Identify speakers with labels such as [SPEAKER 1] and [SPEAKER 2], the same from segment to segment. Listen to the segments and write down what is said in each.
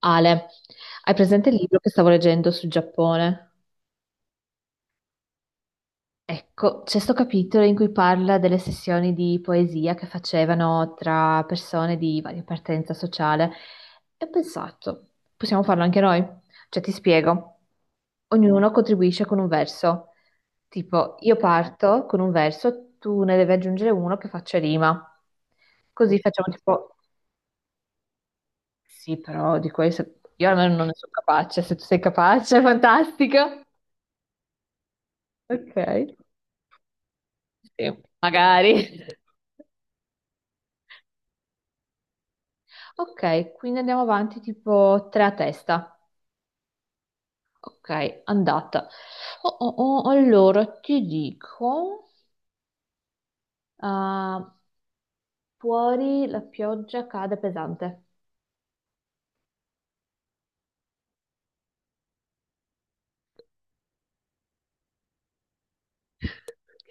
[SPEAKER 1] Ale, hai presente il libro che stavo leggendo sul Giappone? Ecco, c'è sto capitolo in cui parla delle sessioni di poesia che facevano tra persone di varia appartenenza sociale e ho pensato, possiamo farlo anche noi? Cioè, ti spiego, ognuno contribuisce con un verso, tipo io parto con un verso, tu ne devi aggiungere uno che faccia rima, così facciamo tipo, sì, però di questo io almeno non ne sono capace, se tu sei capace, fantastico. Ok. Sì, magari. Ok, quindi andiamo avanti tipo tre a testa. Ok, andata. Oh, oh, oh, allora ti dico, ah, fuori la pioggia cade pesante.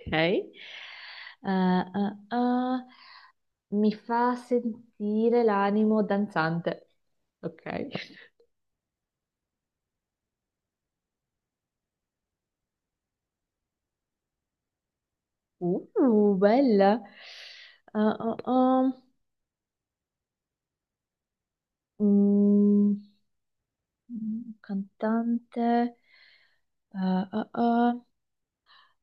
[SPEAKER 1] Ok. Ah, ah, ah, mi fa sentire l'animo danzante. Ok. Bella. Ah, ah, ah. Mm. Mm, cantante. Eh.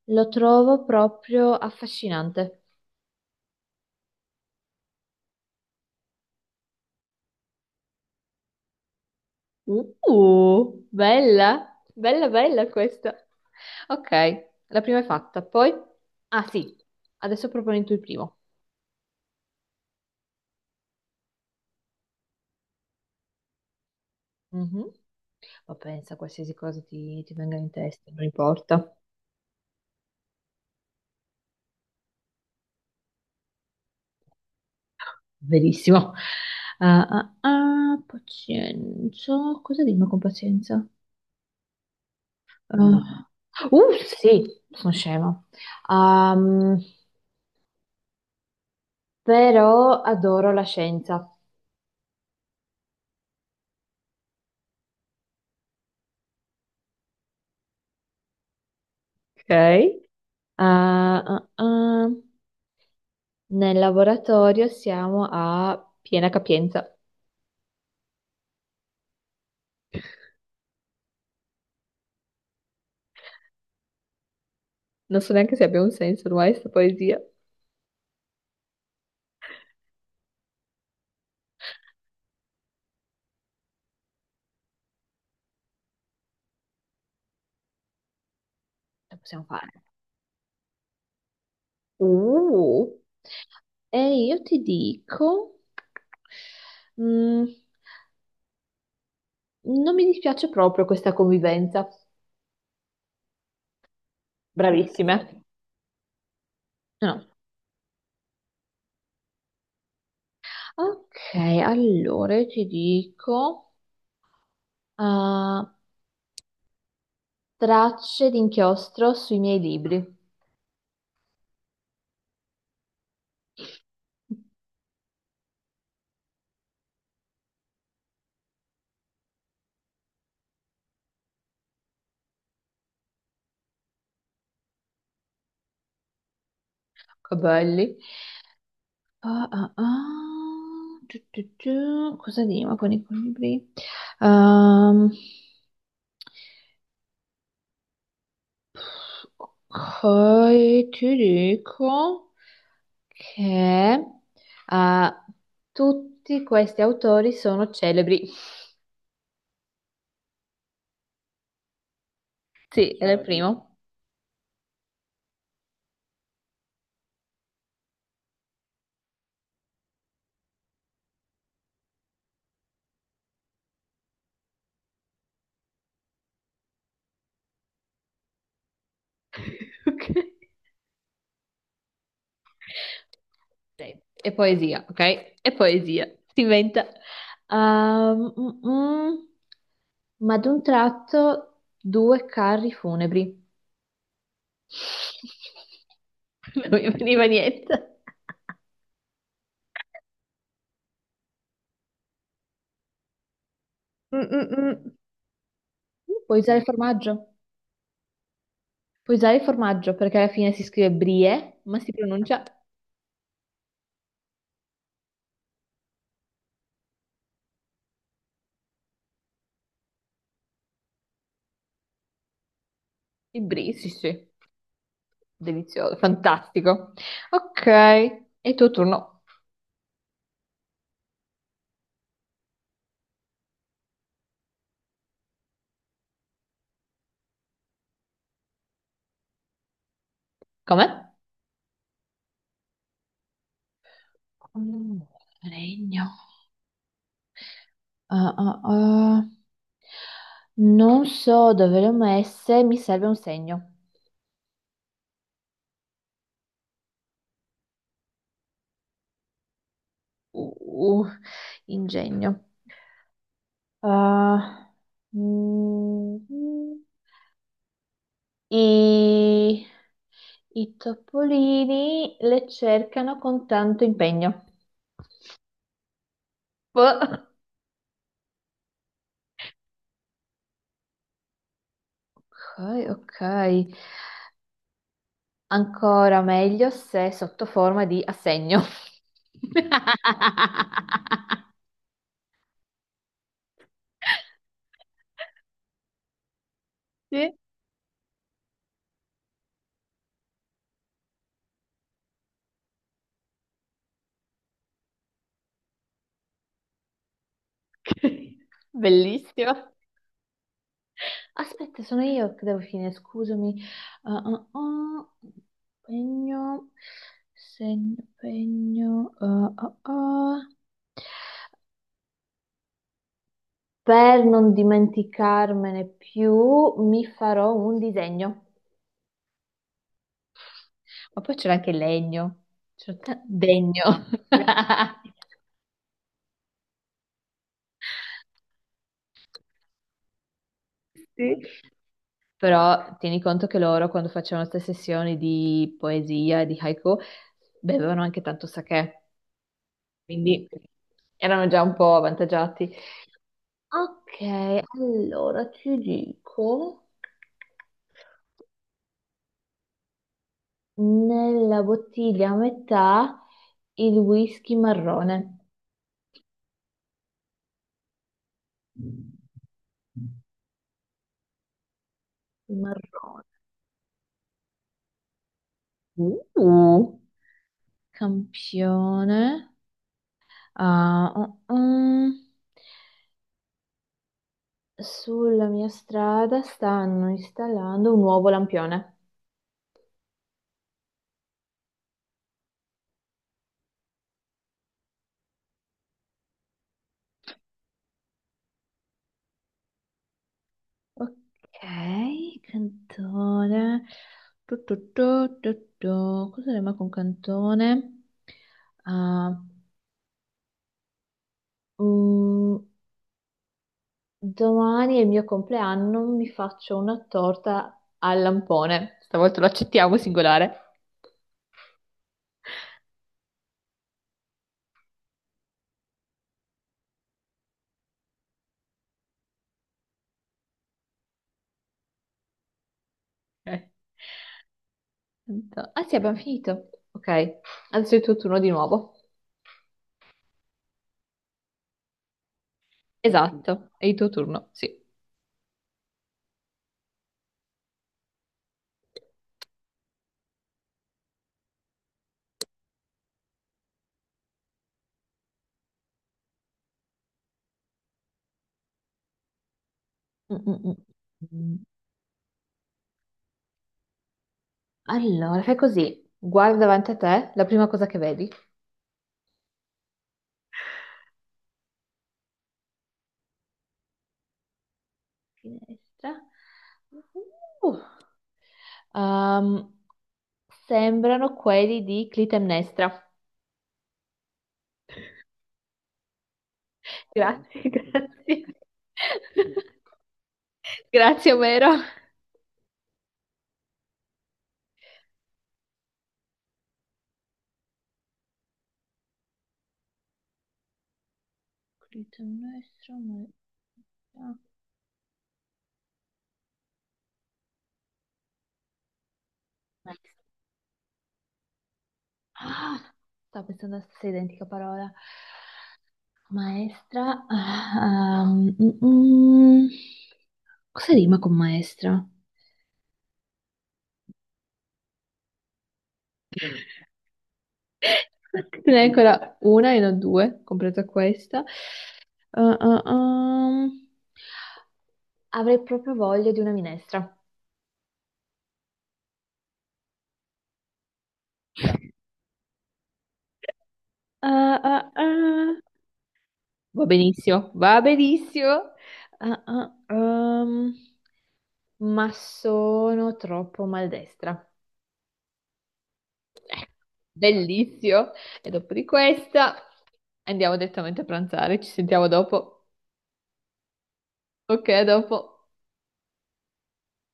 [SPEAKER 1] Lo trovo proprio affascinante. Bella, bella, bella questa. Ok, la prima è fatta. Poi, ah sì, adesso proponi tu il primo. Mhm. Ma pensa, qualsiasi cosa ti venga in testa, non importa. Verissimo. Ah, ah, ah, pazienza. Cosa dico con pazienza? Eh, sì, sono scema. Ehm, però adoro la scienza. Ok. Ah, ah, ah. Nel laboratorio siamo a piena capienza. Non so neanche se abbia un senso ormai questa poesia. Lo possiamo fare. Uh. E io ti dico, mm, non mi dispiace proprio questa convivenza. Bravissime. No. Ok, allora io ti dico, ah, tracce di inchiostro sui miei libri. Che belli. Ah, ah, ah. Tu, tu, tu. Cosa rima con i libri? Ehm, ok, ti dico che, ah, tutti questi autori sono celebri. Sì, era il celebri primo. Ok. Ok, e poesia, ok? E poesia, si inventa. Ehm, mm, mm. Ma ad un tratto due carri funebri. Non mi veniva niente. Mm, mm, mm. Puoi usare il formaggio? Puoi usare il formaggio perché alla fine si scrive brie, ma si pronuncia i brie. Sì, sì, delizioso, fantastico. Ok, è il tuo turno. Come? Mm. Regno. Ah, ah, ah. Non so dove le ho messe, mi serve un segno. Uh, uh, ingegno. Ah, mm, i, i topolini le cercano con tanto impegno. Boh. Ok, ok. Ancora meglio se sotto forma di assegno. Sì. Bellissimo. Aspetta, sono io che devo finire, scusami. Ah, ah, ah. Pegno, segno, pegno, ah, ah, ah. Per non dimenticarmene più, mi farò un disegno. Ma poi c'era anche legno. C'era degno. Sì. Però tieni conto che loro, quando facevano queste sessioni di poesia e di haiku, bevevano anche tanto sakè, quindi erano già un po' avvantaggiati. Ok, allora ti dico, nella bottiglia a metà il whisky marrone. Marrone. Uh, Campione. Ah, ah, ah. Sulla mia strada stanno installando un nuovo lampione. Ok, cantone. Tu, tu, tu, tu, tu. Cosa rima con cantone? Ah, Mm, domani è il mio compleanno, mi faccio una torta al lampone. Stavolta lo accettiamo, singolare. Eh, Ah sì, abbiamo finito. Ok, adesso è il tuo turno di nuovo. Esatto, è il tuo turno, sì. Mm, mm, mm, mm. Allora, fai così. Guarda davanti a te la prima cosa che vedi. Finestra. Uh, um, sembrano quelli di Clitemnestra. Grazie, grazie. Grazie, Omero. Clito nostro, ah, next. Ah, stavo pensando alla stessa identica parola. Maestra. Ah, um, mm, mm. Cosa rima con maestra? Ne è ancora una e non due, compresa questa. Ah, ah, ah. Avrei proprio voglia di una minestra. Ah, ah, ah. Va benissimo, va benissimo. Ah, ah, ma sono troppo maldestra. Bellissimo. E dopo di questa andiamo direttamente a pranzare. Ci sentiamo dopo. Ok, a dopo.